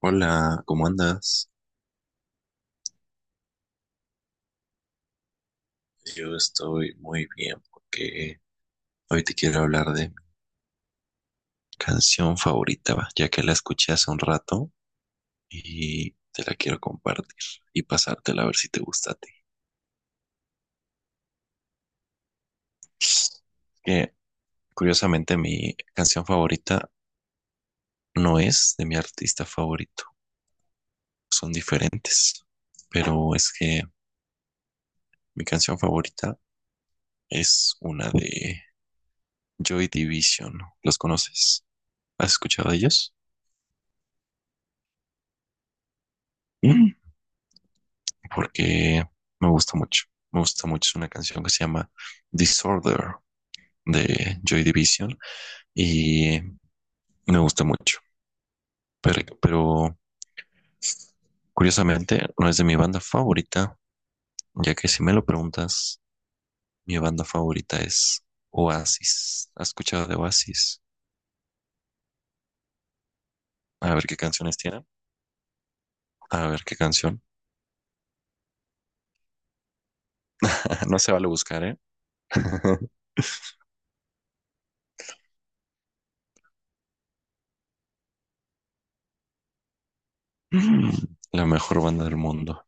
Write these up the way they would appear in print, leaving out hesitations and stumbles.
Hola, ¿cómo andas? Yo estoy muy bien porque hoy te quiero hablar de mi canción favorita, va, ya que la escuché hace un rato y te la quiero compartir y pasártela a ver si te gusta a ti. Que curiosamente mi canción favorita no es de mi artista favorito, son diferentes, pero es que mi canción favorita es una de Joy Division. ¿Los conoces? ¿Has escuchado de ellos? Porque me gusta mucho. Me gusta mucho. Es una canción que se llama Disorder de Joy Division y me gusta mucho. Pero curiosamente no es de mi banda favorita, ya que si me lo preguntas, mi banda favorita es Oasis. ¿Has escuchado de Oasis? A ver qué canciones tienen. A ver qué canción. No se vale buscar, ¿eh? La mejor banda del mundo.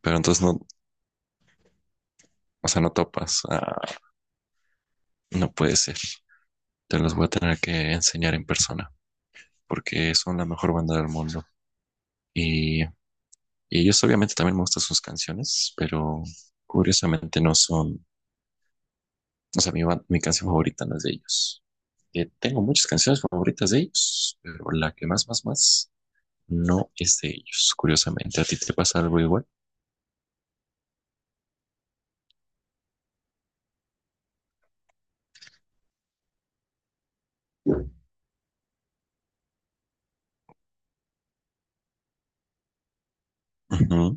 Pero entonces no, o sea, no topas. Ah, no puede ser. Te los voy a tener que enseñar en persona, porque son la mejor banda del mundo. Y ellos obviamente también me gustan sus canciones, pero curiosamente no son, o sea, mi canción favorita no es de ellos. Tengo muchas canciones favoritas de ellos, pero la que más, más, más no es de ellos, curiosamente. ¿A ti te pasa algo igual? Ujú.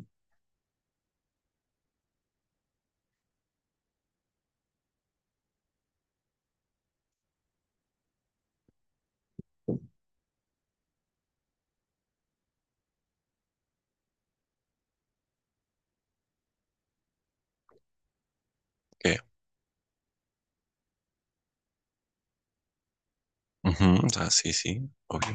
¿Qué? Ujú. Ah, sí, sí, obvio.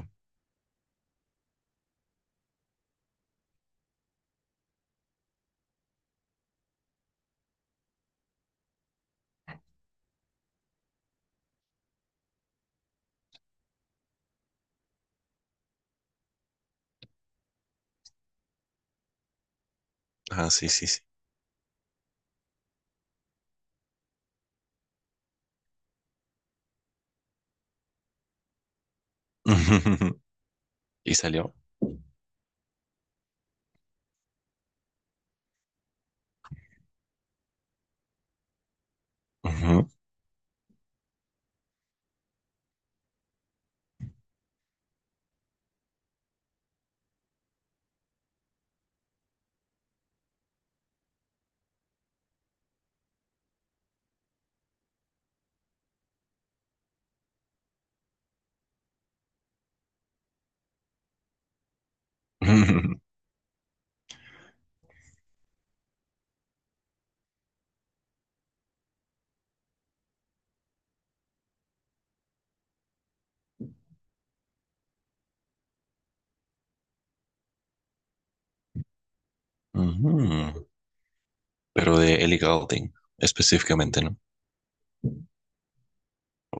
Ah, sí, sí, sí. Y salió. Ujú. Ujú, pero de Ellie Goulding específicamente, ¿no?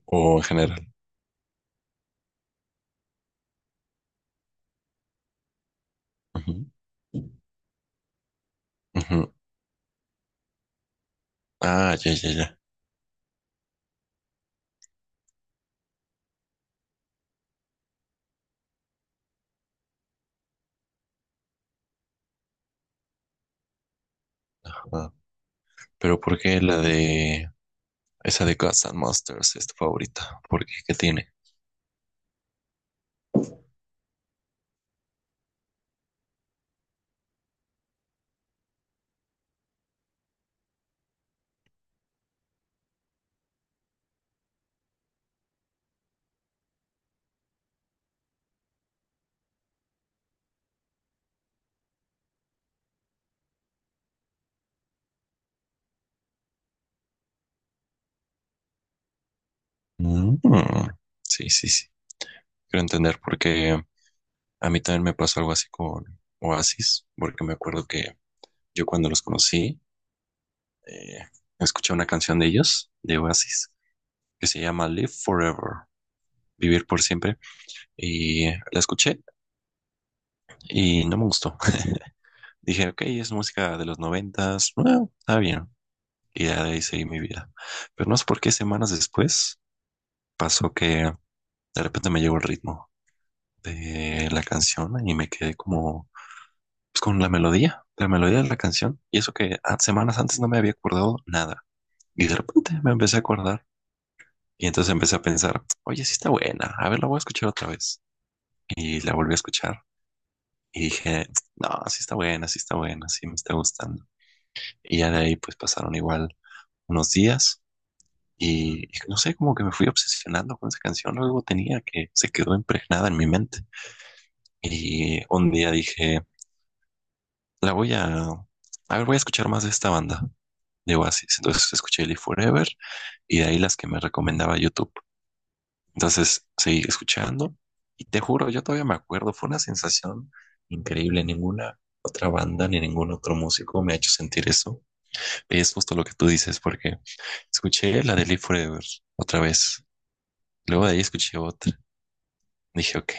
O en general. Ujú, ujú. Ah, ya, ya, ya. Ah, pero ¿por qué la de esa de Gods and Monsters es tu favorita? ¿Por qué? ¿Qué tiene? Mm. Sí, sí, sí. Quiero entender porque a mí también me pasó algo así con Oasis, porque me acuerdo que yo cuando los conocí, eh, escuché una canción de ellos, de Oasis, que se llama Live Forever, Vivir por siempre, y la escuché y no me gustó. Dije, ok, es música de los noventas, bueno, está bien. Y ya de ahí seguí mi vida. Pero no sé por qué semanas después pasó que de repente me llegó el ritmo de la canción y me quedé como pues, con la melodía de la canción. Y eso que semanas antes no me había acordado nada. Y de repente me empecé a acordar. Y entonces empecé a pensar, oye, sí está buena, a ver, la voy a escuchar otra vez. Y la volví a escuchar. Y dije, no, sí está buena, sí está buena, sí me está gustando. Y ya de ahí pues pasaron igual unos días. Y no sé, como que me fui obsesionando con esa canción, algo tenía que se quedó impregnada en mi mente. Y un día dije, la voy a, a ver, voy a escuchar más de esta banda de Oasis. Entonces escuché Live Forever y de ahí las que me recomendaba YouTube. Entonces seguí escuchando y te juro, yo todavía me acuerdo, fue una sensación increíble. Ninguna otra banda ni ningún otro músico me ha hecho sentir eso. Es justo lo que tú dices, porque escuché la de Live Forever otra vez. Luego de ahí escuché otra. Dije, ok,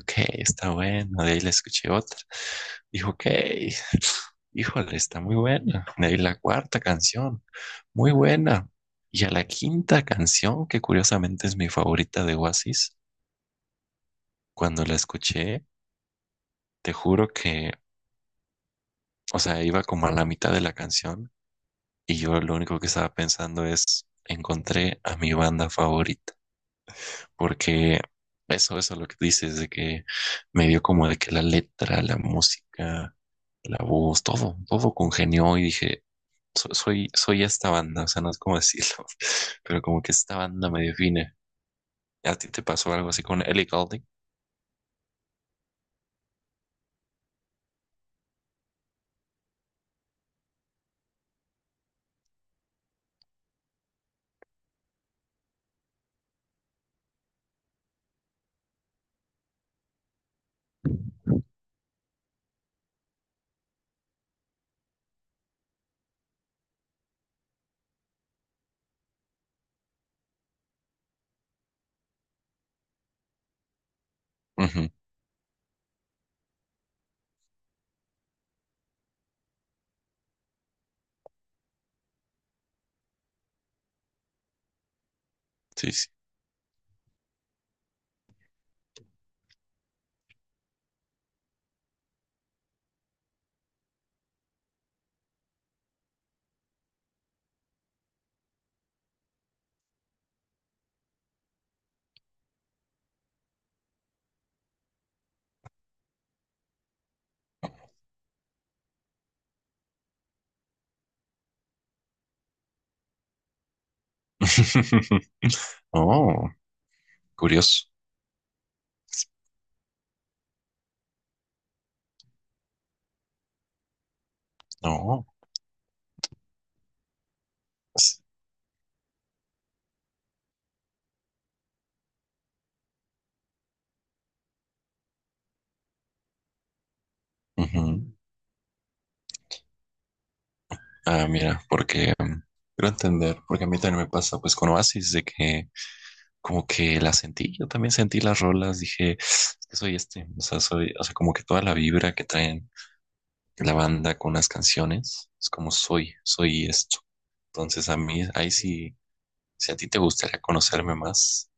ok, está bueno. De ahí le escuché otra. Dijo, ok, híjole, está muy buena. De ahí la cuarta canción, muy buena. Y a la quinta canción, que curiosamente es mi favorita de Oasis, cuando la escuché, te juro que, o sea, iba como a la mitad de la canción y yo lo único que estaba pensando es, encontré a mi banda favorita. Porque eso es lo que dices, de que me dio como de que la letra, la música, la voz, todo, todo congenió y dije, soy, soy esta banda, o sea, no es como decirlo, pero como que esta banda me define". ¿A ti te pasó algo así con Ellie Goulding? Ujú, sí, sí. Oh, curioso. No. es- Ujú. Ah, mira, porque quiero entender, porque a mí también me pasa, pues con Oasis, de que como que la sentí, yo también sentí las rolas, dije, es que soy este, o sea, soy, o sea, como que toda la vibra que traen la banda con las canciones. Es como soy, soy esto. Entonces a mí, ahí sí, si a ti te gustaría conocerme más,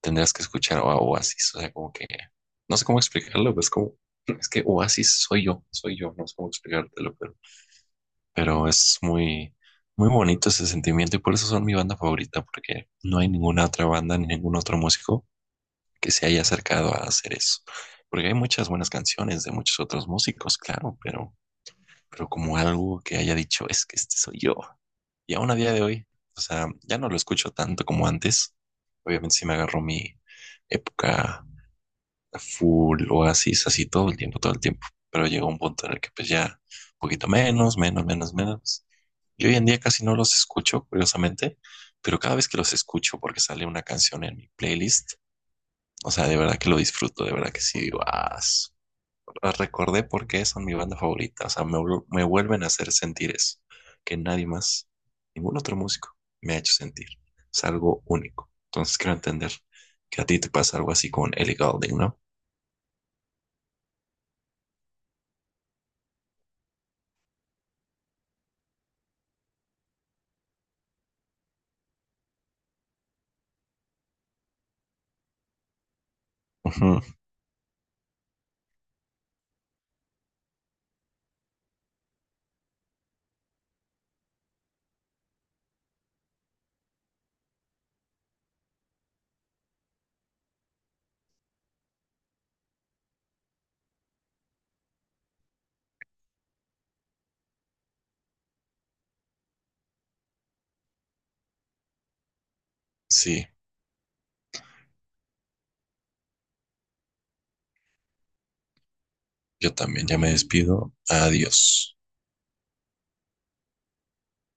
tendrás que escuchar a Oasis. O sea, como que no sé cómo explicarlo, pero es como, es que Oasis soy yo, no sé cómo explicártelo, pero es muy, muy bonito ese sentimiento y por eso son mi banda favorita, porque no hay ninguna otra banda ni ningún otro músico que se haya acercado a hacer eso. Porque hay muchas buenas canciones de muchos otros músicos, claro, pero como algo que haya dicho, es que este soy yo. Y aún a día de hoy, o sea, ya no lo escucho tanto como antes. Obviamente sí me agarró mi época full oasis, así todo el tiempo, todo el tiempo. Pero llegó un punto en el que pues ya un poquito menos, menos, menos, menos. Y hoy en día casi no los escucho, curiosamente, pero cada vez que los escucho porque sale una canción en mi playlist, o sea, de verdad que lo disfruto, de verdad que sí, digo, "Ah, las recordé porque son mi banda favorita. O sea, me, me vuelven a hacer sentir eso. Que nadie más, ningún otro músico me ha hecho sentir. Es algo único". Entonces quiero entender que a ti te pasa algo así con Ellie Goulding, ¿no? Ujú. Sí, yo también ya me despido. Adiós.